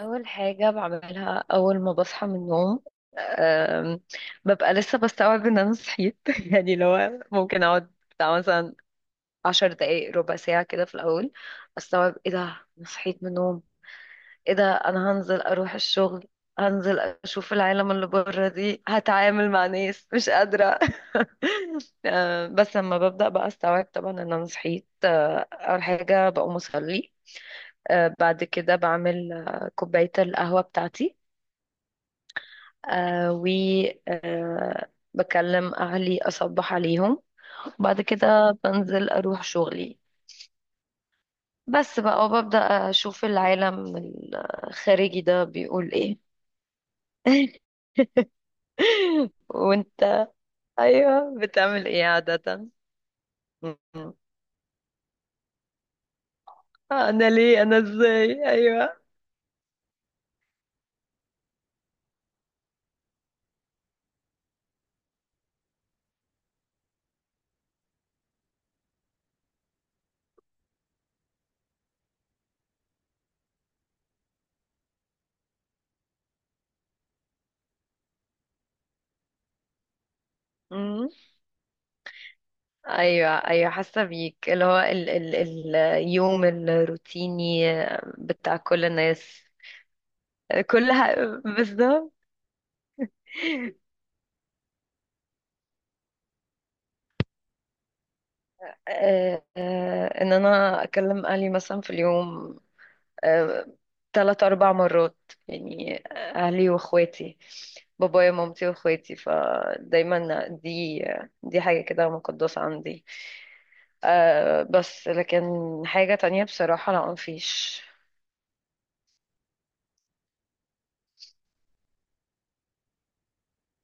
أول حاجة بعملها أول ما بصحى من النوم. أم، ببقى لسه بستوعب إن أنا صحيت يعني لو ممكن أقعد بتاع مثلا عشر دقايق ربع ساعة كده في الأول، أستوعب إيه ده، أنا صحيت من النوم، إيه ده أنا هنزل أروح الشغل، هنزل أشوف العالم اللي بره دي هتعامل مع ناس مش قادرة بس لما ببدأ بقى أستوعب طبعا إن أنا صحيت. أول حاجة بقوم أصلي. بعد كده بعمل كوباية القهوة بتاعتي. آه و آه بكلم أهلي أصبح عليهم. وبعد كده بنزل أروح شغلي بس بقى، وببدأ أشوف العالم الخارجي ده بيقول إيه. وأنت، أيوه بتعمل إيه عادة؟ مم. أنا ليه أنا إزاي؟ أيوه. مم. أيوه أيوه، حاسة بيك اللي هو ال اليوم الروتيني بتاع كل الناس كلها بالظبط. ان انا اكلم اهلي مثلا في اليوم آه، تلات اربع مرات. يعني اهلي واخواتي، بابايا ومامتي واخواتي، فدايما دي، دي حاجة كده مقدسة عندي. أه بس لكن حاجة تانية بصراحة لا مفيش.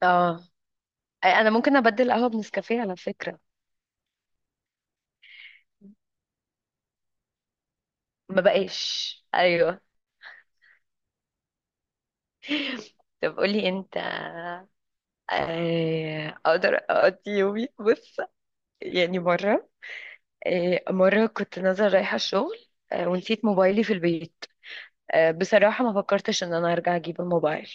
اه، انا ممكن ابدل قهوة بنسكافيه على فكرة، ما بقاش ايوه. طب قولي انت. اقدر اقضي يومي، بص يعني مرة، مرة كنت نازلة رايحة الشغل ونسيت موبايلي في البيت. بصراحة ما فكرتش ان انا ارجع اجيب الموبايل،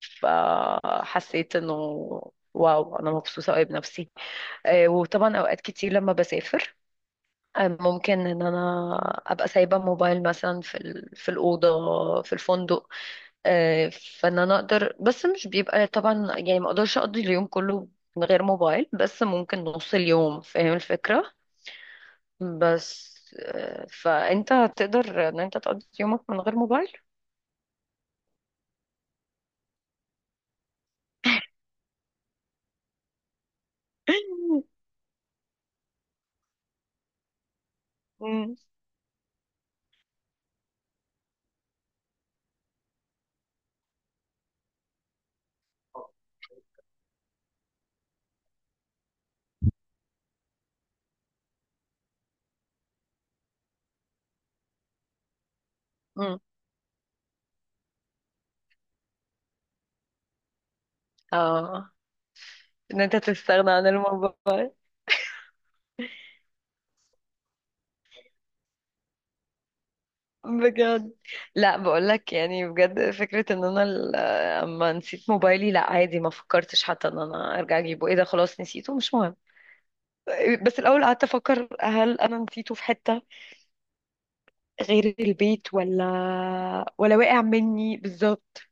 فحسيت انه واو انا مبسوطة قوي بنفسي. وطبعا اوقات كتير لما بسافر ممكن ان انا ابقى سايبه موبايل مثلا في في الاوضه في الفندق. آه، فان انا اقدر، بس مش بيبقى طبعا، يعني ما اقدرش اقضي اليوم كله من غير موبايل، بس ممكن نص اليوم، فاهم الفكره؟ بس فانت هتقدر ان انت تقضي يومك من غير موبايل؟ مم. مم. اه، ان انت تستغنى عن الموبايل. بجد؟ لا بقولك يعني بجد فكرة ان انا اما نسيت موبايلي لا عادي، ما فكرتش حتى ان انا ارجع اجيبه، ايه ده خلاص نسيته مش مهم. بس الاول قعدت افكر هل انا نسيته في حتة غير البيت ولا، ولا واقع مني بالظبط.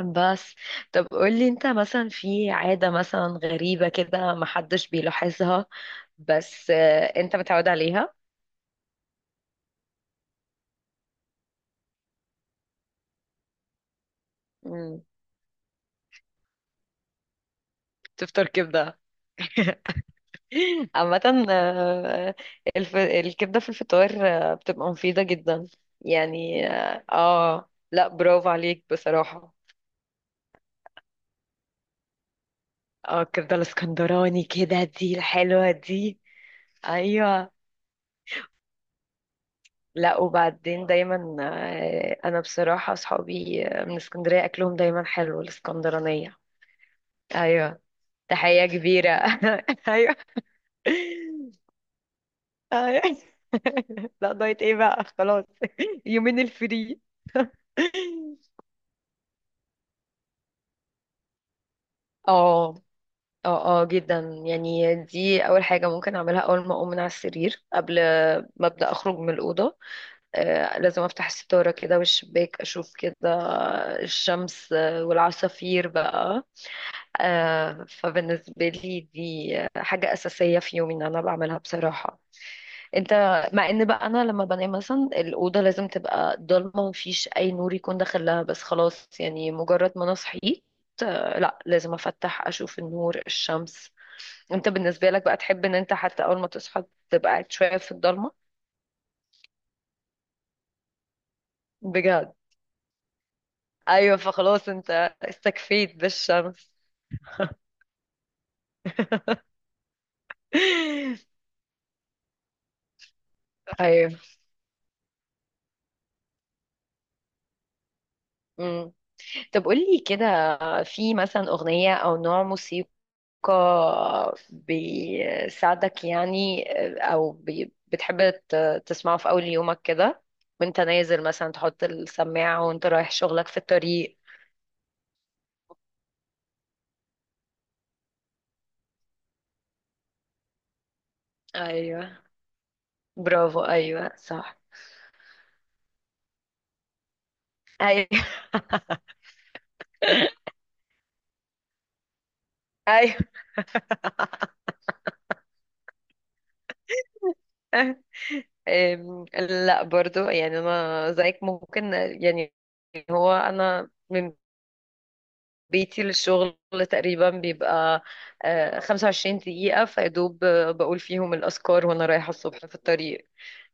بس طب قولي انت، مثلا في عادة مثلا غريبة كده محدش بيلاحظها بس انت متعود عليها؟ مم، تفطر كبدة؟ عامة الكبدة في الفطار بتبقى مفيدة جدا، يعني اه لا برافو عليك بصراحة. اه الكبدة الاسكندراني كده دي الحلوة دي، ايوه. لا وبعدين دايما انا بصراحة اصحابي من اسكندرية اكلهم دايما حلو الاسكندرانية. ايوه، تحية كبيرة. ايوه ايوه. لا دايت ايه بقى؟ خلاص يومين الفري. اه، اه اه جدا. يعني دي اول حاجة ممكن اعملها اول ما اقوم من على السرير قبل ما ابدا اخرج من الأوضة. آه لازم افتح الستارة كده والشباك، اشوف كده الشمس والعصافير بقى. آه، فبالنسبة لي دي حاجة أساسية في يومي ان انا بعملها بصراحة. انت، مع ان بقى انا لما بنام مثلا الاوضه لازم تبقى ضلمه ومفيش اي نور يكون داخلها، بس خلاص يعني مجرد ما انا صحيت لا لازم افتح اشوف النور الشمس. انت بالنسبه لك بقى تحب ان انت حتى اول ما تصحى تبقى قاعد شويه في الضلمه؟ بجد؟ ايوه فخلاص انت استكفيت بالشمس. ايوه. مم. طب قولي كده، في مثلا اغنيه او نوع موسيقى بيساعدك يعني، بتحب تسمعه في اول يومك كده وانت نازل، مثلا تحط السماعة وانت رايح شغلك في الطريق؟ ايوه برافو ايوه صح. ايوه. ايوه. لا برضو يعني انا زيك ممكن يعني. هو انا من بيتي للشغل تقريبا بيبقى 25 دقيقة فيدوب، بقول فيهم الأذكار وأنا رايحة الصبح في الطريق.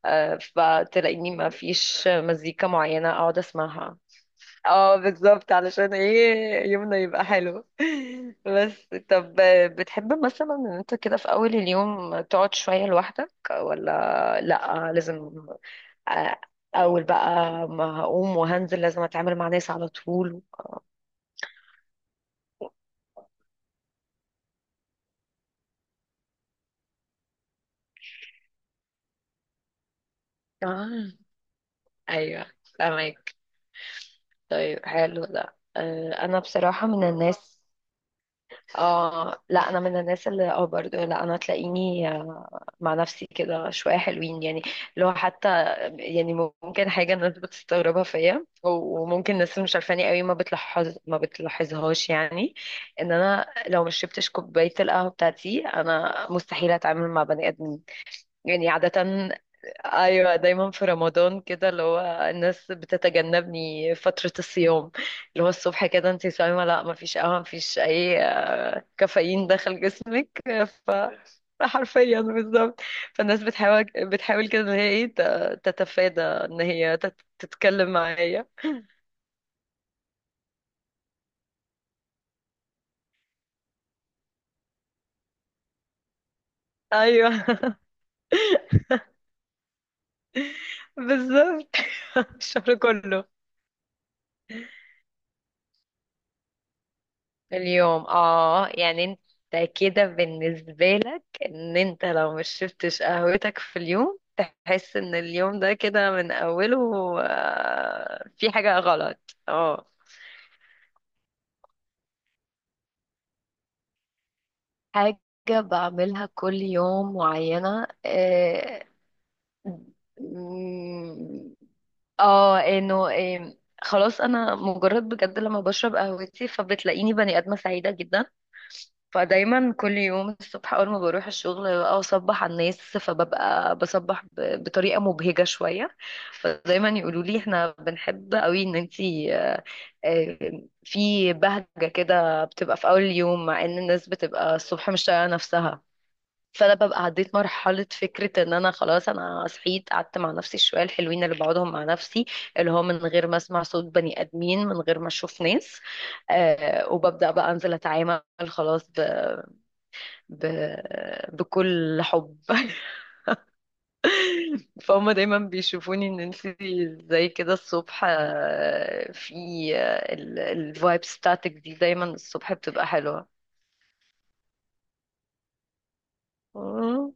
فتلاقيني ما فيش مزيكا معينة اقعد اسمعها. اه بالظبط، علشان ايه يومنا يبقى حلو. بس طب بتحب مثلا ان انت كده في اول اليوم تقعد شوية لوحدك ولا لا، لازم آه، اول بقى ما هقوم وهنزل لازم اتعامل مع ناس على طول؟ اه. ايوه فاهمك. طيب حلو ده انا بصراحة من الناس، اه لا انا من الناس اللي اه برضه، لا انا تلاقيني مع نفسي كده شويه حلوين يعني لو حتى يعني. ممكن حاجه الناس بتستغربها فيا وممكن الناس مش عارفاني قوي ما بتلاحظهاش يعني، ان انا لو مش شربتش كوبايه القهوه بتاعتي انا مستحيل اتعامل مع بني ادمين، يعني عاده. ايوه دايما في رمضان كده اللي هو الناس بتتجنبني فتره الصيام. اللي هو الصبح كده انت صايمه، لا ما فيش قهوه ما فيش اي كافيين دخل جسمك. حرفيا بالظبط. فالناس بتحاول كده ان هي ايه تتفادى ان هي تتكلم معايا. ايوه. بالظبط. الشهر كله. اليوم اه، يعني انت كده بالنسبة لك ان انت لو مش شربتش قهوتك في اليوم تحس ان اليوم ده كده من اوله في حاجة غلط، اه. حاجة بعملها كل يوم معينة، مم. اه انه إيه، خلاص انا مجرد بجد لما بشرب قهوتي فبتلاقيني بني ادمه سعيده جدا. فدايما كل يوم الصبح اول ما بروح الشغل بقى اصبح على الناس، فببقى بصبح بطريقه مبهجه شويه. فدايما يقولوا لي احنا بنحب قوي ان انتي آه، في بهجه كده بتبقى في اول اليوم، مع ان الناس بتبقى الصبح مش طايقه نفسها. فانا ببقى عديت مرحله فكره ان انا خلاص انا صحيت، قعدت مع نفسي الشويه الحلوين اللي بقعدهم مع نفسي، اللي هو من غير ما اسمع صوت بني ادمين، من غير ما اشوف ناس. آه وببدا بقى انزل اتعامل خلاص ب... بكل حب. فهم دايما بيشوفوني ان انت زي كده الصبح في الفايب ستاتك دي دايما الصبح بتبقى حلوه.